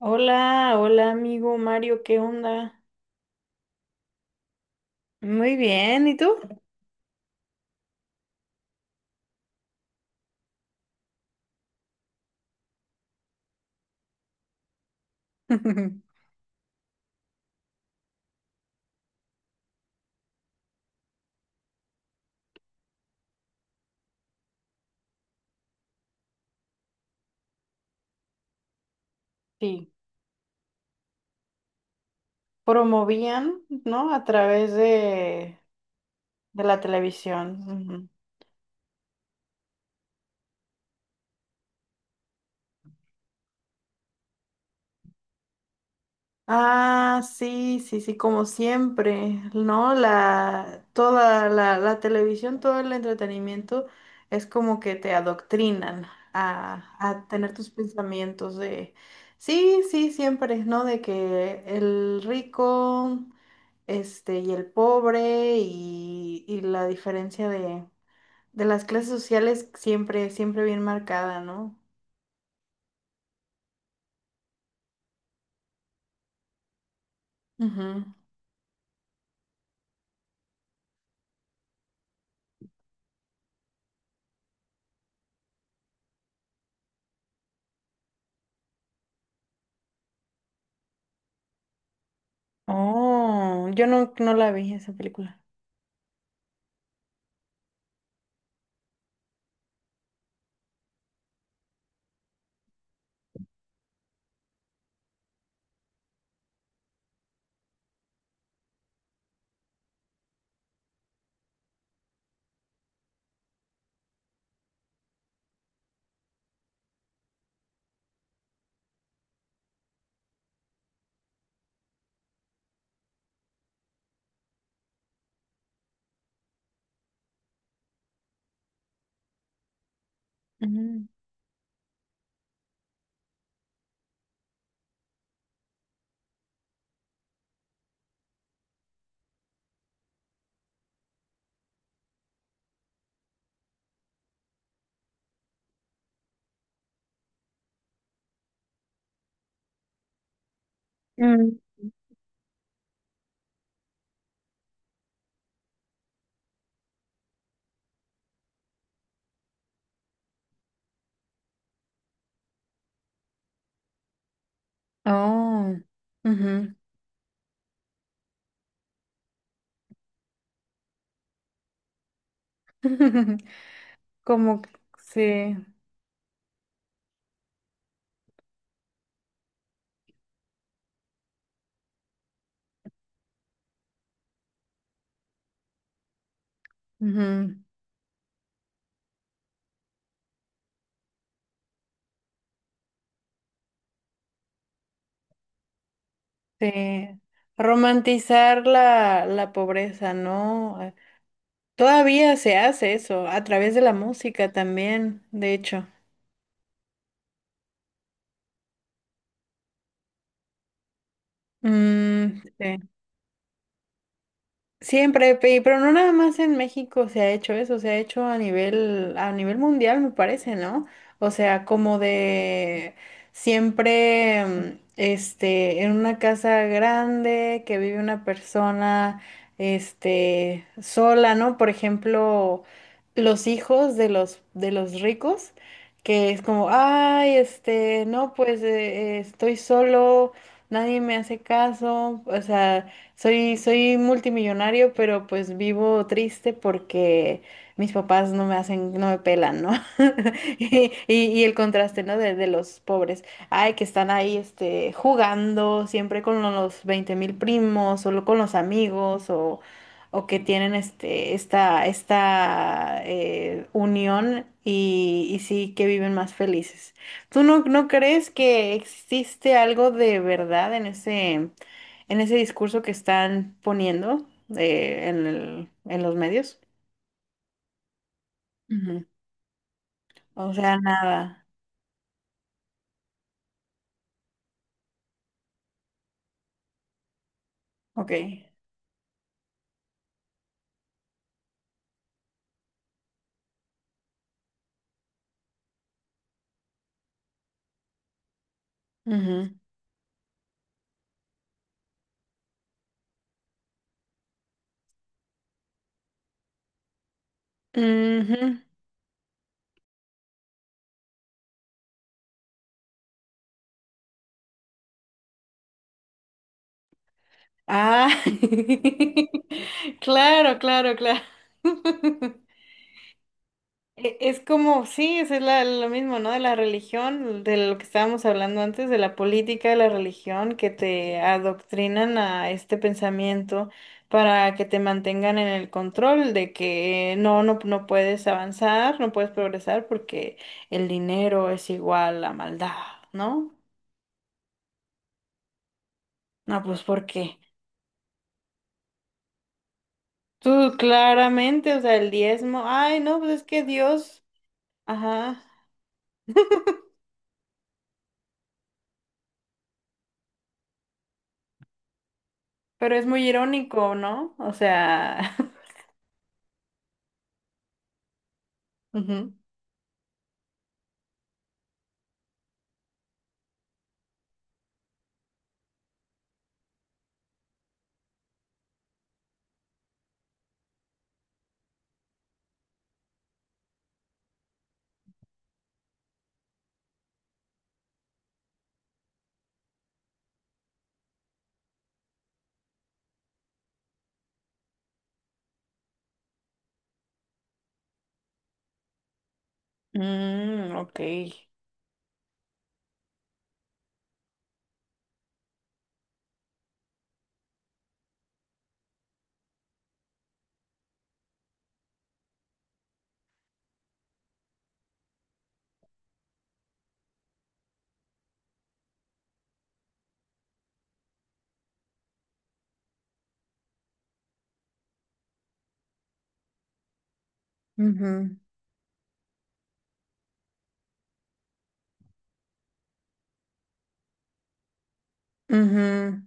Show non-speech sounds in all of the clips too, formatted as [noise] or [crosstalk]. Hola, hola amigo Mario, ¿qué onda? Muy bien, ¿y tú? [laughs] Sí, promovían, ¿no? A través de la televisión. Ujú. Ah, sí, sí, sí, como siempre, ¿no? Toda la televisión, todo el entretenimiento es como que te adoctrinan a tener tus pensamientos de, sí, sí, siempre, ¿no? De que el rico, este, y el pobre, y la diferencia de las clases sociales siempre, siempre bien marcada, ¿no? Ujú. Oh, yo no la vi esa película. Ujú. Mm. Oh, ujú. [laughs] Como que sí, ujú, sí. Romantizar la pobreza, ¿no? Todavía se hace eso, a través de la música también, de hecho. Mm, sí. Siempre, pero no nada más en México se ha hecho eso, se ha hecho a nivel mundial, me parece, ¿no? O sea, como de siempre, este, en una casa grande que vive una persona, este, sola, ¿no? Por ejemplo, los hijos de los ricos, que es como, ay, este, no, pues estoy solo, nadie me hace caso, o sea soy multimillonario, pero pues vivo triste porque mis papás no me hacen, no me pelan, ¿no? [laughs] Y el contraste, ¿no? De los pobres. Ay, que están ahí, este, jugando siempre con los 20 mil primos, solo con los amigos, o que tienen, este, esta unión y sí que viven más felices. ¿Tú no crees que existe algo de verdad en ese discurso que están poniendo en los medios? Ujú. O sea, nada. Ok. Ujú. Ujú. Ah, [laughs] claro, claro, claro. [laughs] Es como, sí, es lo mismo, ¿no? De la religión, de lo que estábamos hablando antes, de la política, de la religión, que te adoctrinan a este pensamiento para que te mantengan en el control de que no puedes avanzar, no puedes progresar porque el dinero es igual a maldad, ¿no? No, pues ¿por qué? Tú claramente, o sea, el diezmo, ay, no, pues es que Dios, ajá, pero es muy irónico, ¿no? O sea. [laughs] Ujú. Mm, ok. Ujú, ujú.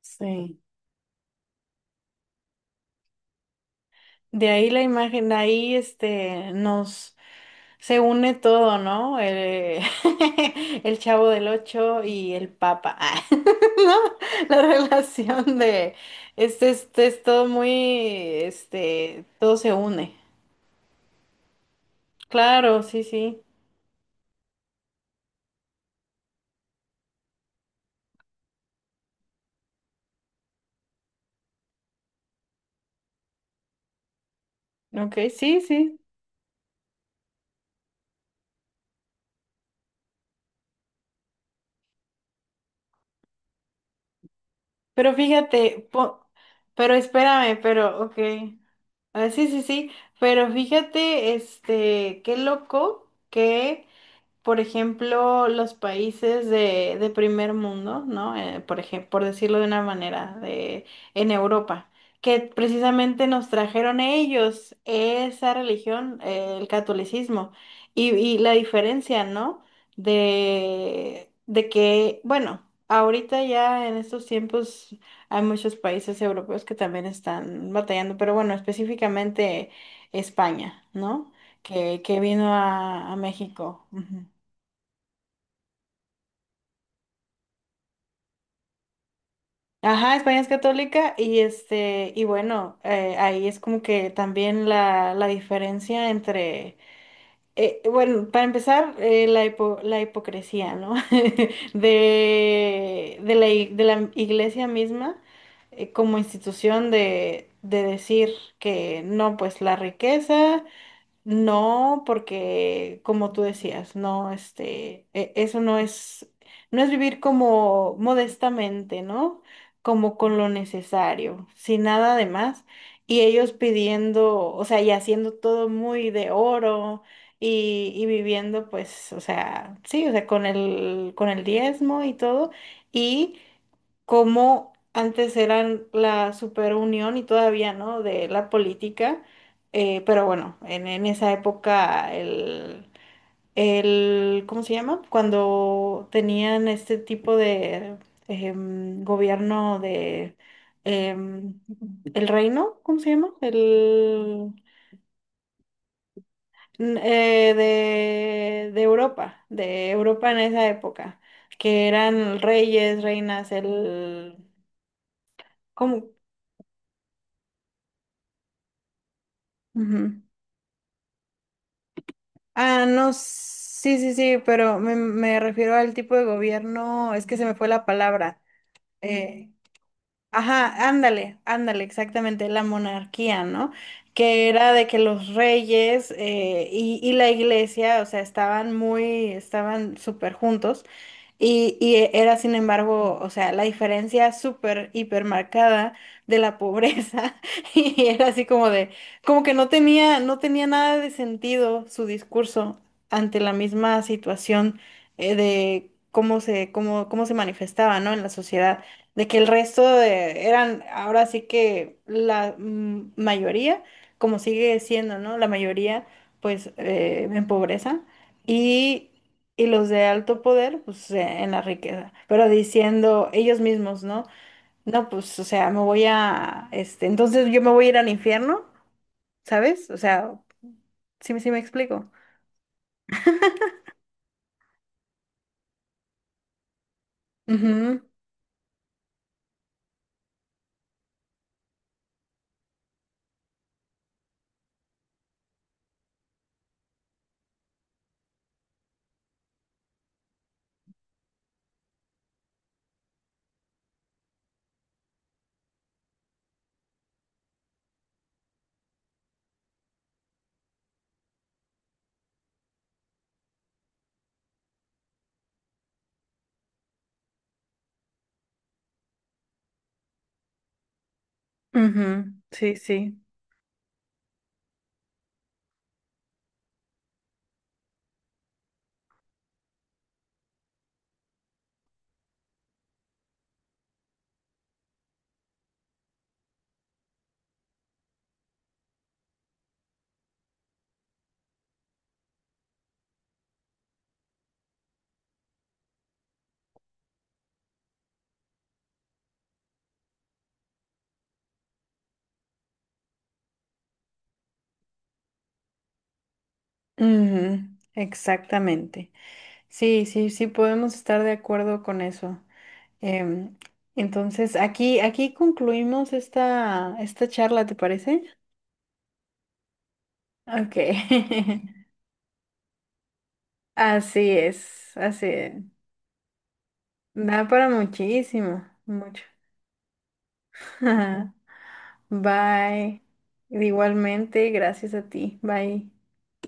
Sí, de ahí la imagen, de ahí este nos se une todo, ¿no? El, [laughs] el Chavo del Ocho y el Papa, [laughs] Ah, ¿no? La relación de este, este es todo muy, este, todo se une. Claro, sí, sí. Ok, sí, sí. Pero fíjate, pero espérame, pero ok. Ah, sí, sí, sí, pero fíjate, este, qué loco que por ejemplo, los países de primer mundo, ¿no? Por ejemplo, por decirlo de una manera, en Europa, que precisamente nos trajeron ellos esa religión, el catolicismo, y la diferencia, ¿no? De que, bueno, ahorita ya en estos tiempos hay muchos países europeos que también están batallando, pero bueno, específicamente España, ¿no? Que vino a México. Ujú. Ajá, España es católica y este, y bueno, ahí es como que también la diferencia entre, bueno, para empezar, la hipocresía, ¿no? [laughs] De la iglesia misma, como institución de decir que no, pues la riqueza. No, porque como tú decías, no, este, eso no es vivir como modestamente, ¿no? Como con lo necesario, sin nada de más. Y ellos pidiendo, o sea, y haciendo todo muy de oro y viviendo, pues, o sea, sí, o sea, con el diezmo y todo. Y como antes eran la superunión y todavía, ¿no? De la política pero bueno, en esa época el, ¿cómo se llama? Cuando tenían este tipo de gobierno de em, el reino, ¿cómo se llama? De Europa, de Europa en esa época, que eran reyes, reinas, ¿cómo? Ah, no, sí, sí, sí, pero me refiero al tipo de gobierno, es que se me fue la palabra. eh, ajá, ándale, ándale, exactamente, la monarquía, ¿no? Que era de que los reyes y la iglesia, o sea, estaban muy, estaban súper juntos. Y era, sin embargo, o sea, la diferencia súper, hiper marcada de la pobreza. [laughs] Y era así como de, como que no tenía nada de sentido su discurso ante la misma situación de cómo se manifestaba, ¿no? En la sociedad. De que el resto eran, ahora sí que la mayoría, como sigue siendo, ¿no? La mayoría, pues, en pobreza. y y los de alto poder, pues en la riqueza, pero diciendo ellos mismos, ¿no? No, pues, o sea, me voy a, este, entonces yo me voy a ir al infierno, ¿sabes? O sea, sí, sí me explico. Ujú, ujú, sí, sí. Ujú, exactamente. Sí, sí, sí, podemos estar de acuerdo con eso. Em, entonces, aquí concluimos esta charla, ¿te parece? Ok. [laughs] Así es, así es. Da para muchísimo, mucho. [laughs] Bye. Igualmente, gracias a ti. Bye.